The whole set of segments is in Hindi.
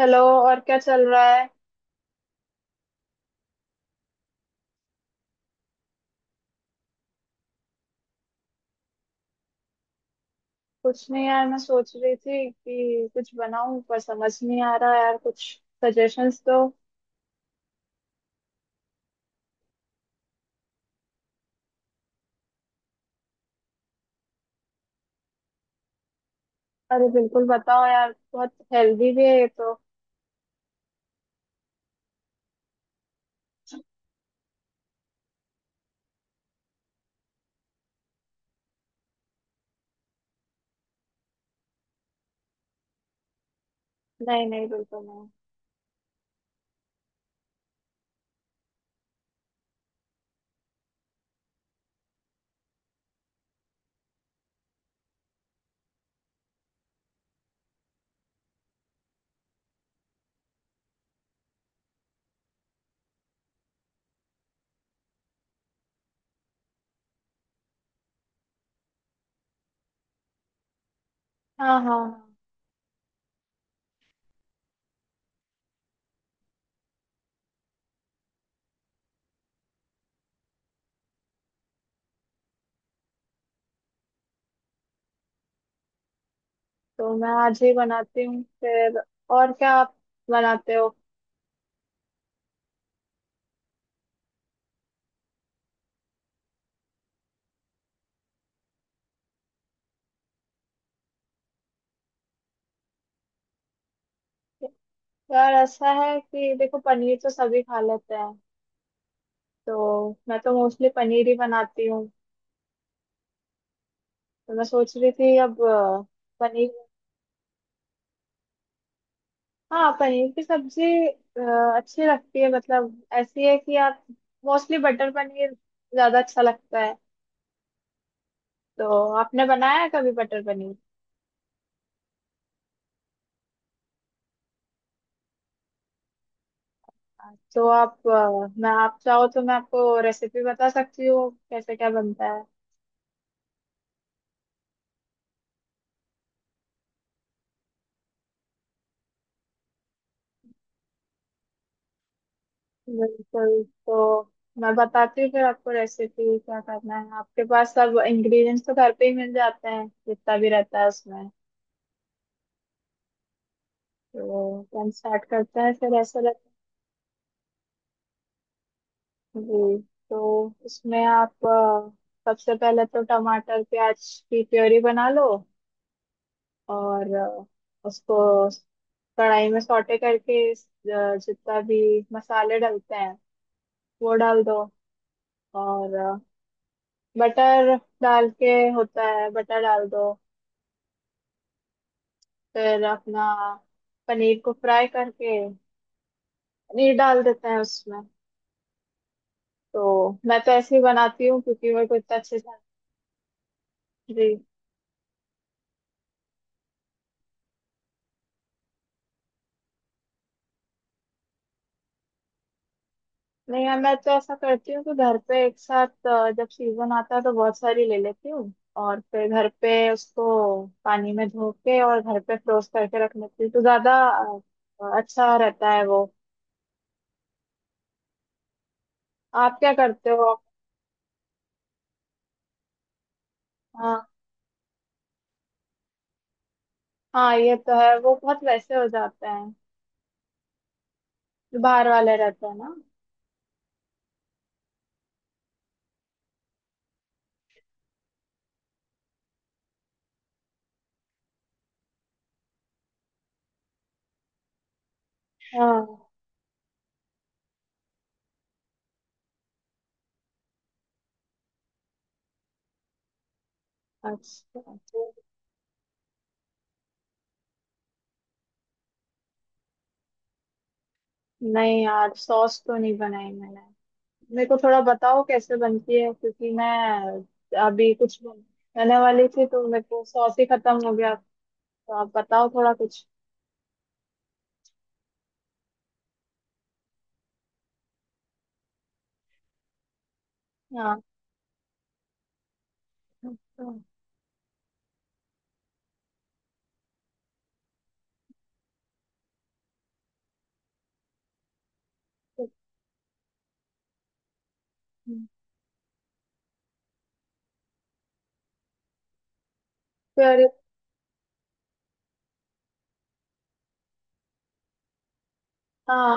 हेलो। और क्या चल रहा है? कुछ नहीं यार, मैं सोच रही थी कि कुछ बनाऊं पर समझ नहीं आ रहा यार कुछ। सजेशंस दो। अरे बिल्कुल बताओ यार, बहुत हेल्दी भी है ये तो। नहीं नहीं, बिल्कुल नहीं। हाँ हाँ हाँ। तो मैं आज ही बनाती हूँ फिर। और क्या आप बनाते हो? यार ऐसा है कि देखो, पनीर तो सभी खा लेते हैं। तो मैं तो मोस्टली पनीर ही बनाती हूँ। तो मैं सोच रही थी अब पनीर। हाँ, पनीर की सब्जी अ, अच्छी लगती है। मतलब ऐसी है कि आप मोस्टली बटर पनीर ज्यादा अच्छा लगता है। तो आपने बनाया है कभी बटर पनीर? तो आप मैं, आप चाहो तो मैं आपको रेसिपी बता सकती हूँ कैसे क्या बनता है। बिल्कुल। तो मैं बताती हूँ फिर आपको रेसिपी। क्या करना है, आपके पास सब इंग्रेडिएंट्स तो घर पे ही मिल जाते हैं जितना भी रहता है उसमें। तो हम स्टार्ट करते हैं फिर ऐसा। जी। तो इसमें आप सबसे पहले तो टमाटर प्याज की प्योरी बना लो। और उसको कढ़ाई में सौटे करके जितना भी मसाले डलते हैं वो डाल दो। और बटर डाल के होता है, बटर डाल दो। फिर अपना पनीर को फ्राई करके पनीर डाल देते हैं उसमें। तो मैं तो ऐसे ही बनाती हूँ क्योंकि मेरे को इतना अच्छे से। जी। नहीं यार, मैं तो ऐसा करती हूँ कि घर पे एक साथ जब सीजन आता है तो बहुत सारी ले लेती हूँ और फिर घर पे उसको पानी में धो के और घर पे फ्रोज करके रख लेती हूँ तो ज्यादा अच्छा रहता है वो। आप क्या करते हो? हाँ हाँ, ये तो है। वो बहुत वैसे हो जाते हैं जो बाहर वाले रहते हैं ना। हाँ। अच्छा। नहीं यार, सॉस तो नहीं बनाई मैंने। मेरे को थोड़ा बताओ कैसे बनती है, क्योंकि मैं अभी कुछ बनाने वाली थी तो मेरे को सॉस ही खत्म हो गया। तो आप बताओ थोड़ा कुछ। हाँ। अच्छा। तो फिर। हाँ।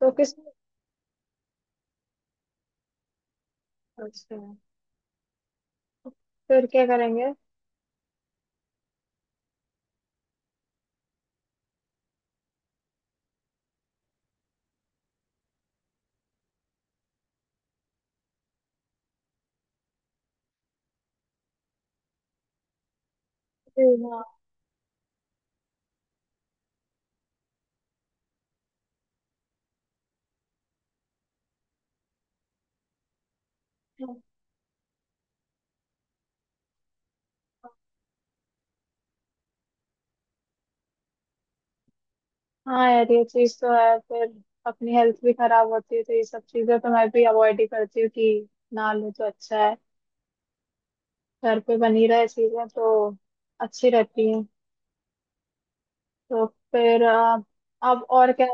तो किस। अच्छा, फिर क्या करेंगे? फिर। हाँ हाँ हाँ, यार ये चीज तो है फिर। अपनी हेल्थ भी खराब होती है तो ये सब चीजें तो मैं भी अवॉइड ही करती हूँ कि ना लूँ तो अच्छा है। घर पे बनी रहे चीजें तो अच्छी रहती हैं। तो फिर आप और क्या?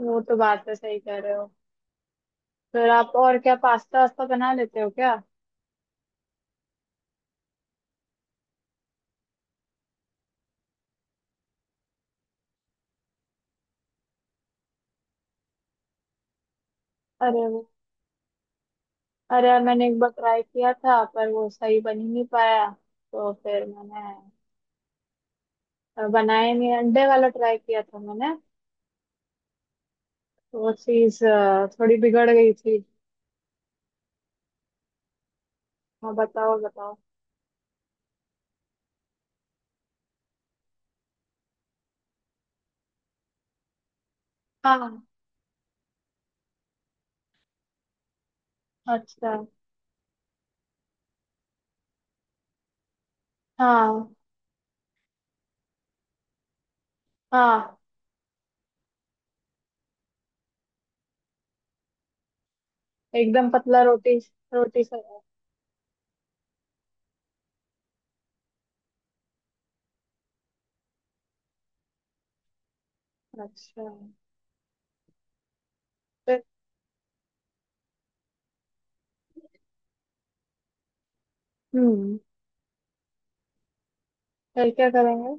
वो तो बात है, सही कह रहे हो। फिर आप और क्या, पास्ता वास्ता बना लेते हो क्या? अरे वो- अरे यार, मैंने एक बार ट्राई किया था पर वो सही बन ही नहीं पाया। तो फिर मैंने बनाया ही नहीं। अंडे वाला ट्राई किया था मैंने, तो वो चीज थोड़ी बिगड़ गई थी। हाँ बताओ बताओ। हाँ। अच्छा। हाँ हाँ। एकदम पतला रोटी, रोटी सा। अच्छा। फिर। हम्म। फिर क्या करेंगे?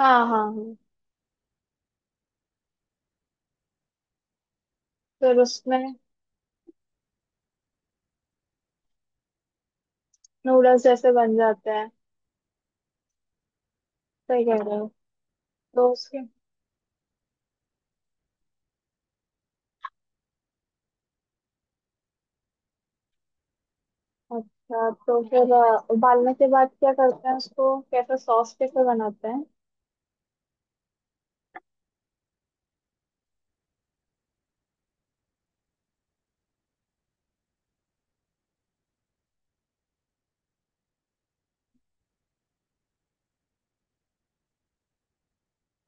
हाँ हाँ हाँ। फिर उसमें नूडल्स जैसे बन जाते हैं, सही कह रहे हो। तो उसके। अच्छा, तो फिर उबालने के बाद क्या करते हैं उसको? कैसे सॉस कैसे बनाते हैं?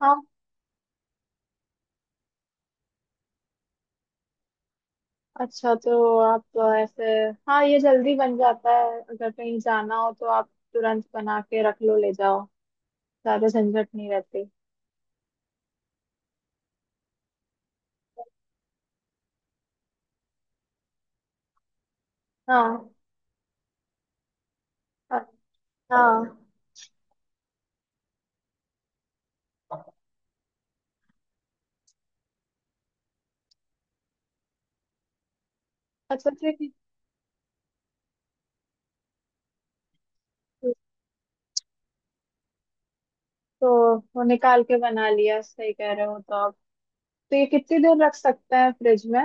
हाँ। अच्छा तो आप ऐसे। हाँ, ये जल्दी बन जाता है, अगर कहीं जाना हो तो आप तुरंत बना के रख लो, ले जाओ, ज्यादा झंझट नहीं रहती। हाँ अ- हाँ। अच्छा तो ये तो वो निकाल के बना लिया, सही कह रहे हो तो आप। तो ये कितनी देर रख सकते हैं फ्रिज में?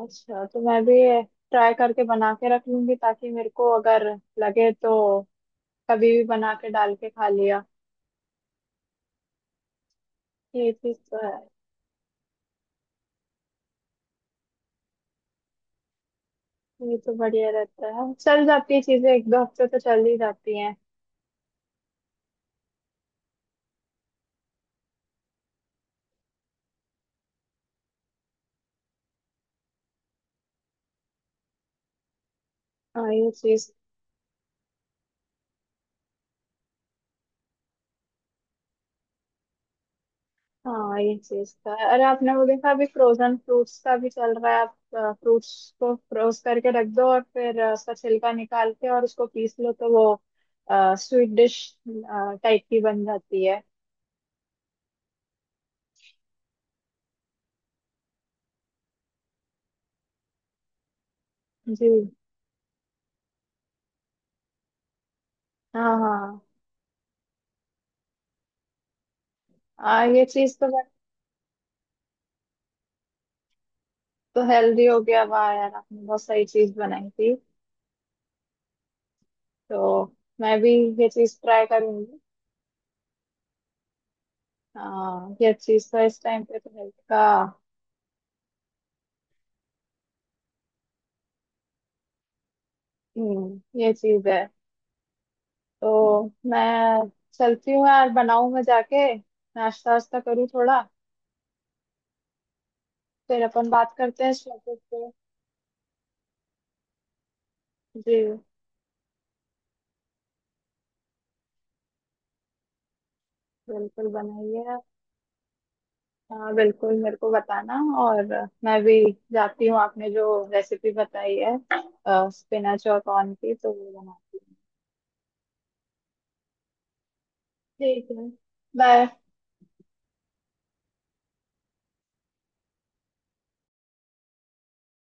अच्छा तो मैं भी ट्राई करके बना के रख लूंगी, ताकि मेरे को अगर लगे तो कभी भी बना के डाल के खा लिया। ये चीज तो है। ये तो बढ़िया रहता है, चल जाती है चीजें, एक दो हफ्ते तो चल ही जाती हैं। हाँ ये चीज। हाँ ये चीज तो है। अरे आपने वो देखा, अभी फ्रोजन फ्रूट्स का भी चल रहा है? आप फ्रूट्स को फ्रोज करके रख दो और फिर उसका छिलका निकाल के और उसको पीस लो तो वो स्वीट डिश टाइप की बन जाती है। जी। हाँ हाँ। ये चीज तो बट। तो हेल्दी हो गया, वाह यार, आपने बहुत सही चीज बनाई थी। तो मैं भी ये चीज ट्राई करूंगी। हाँ, ये चीज तो इस टाइम पे तो हेल्थ का। ये चीज है। तो मैं चलती हूँ यार, बनाऊं मैं जाके, नाश्ता वास्ता करूँ थोड़ा। फिर अपन बात करते हैं इस टॉपिक पे। जी, बिल्कुल बनाइए आप। हाँ बिल्कुल, मेरे को बताना। और मैं भी जाती हूँ। आपने जो रेसिपी बताई है स्पिनच और कॉर्न की, तो वो बनाती हूँ। ठीक है। बाय।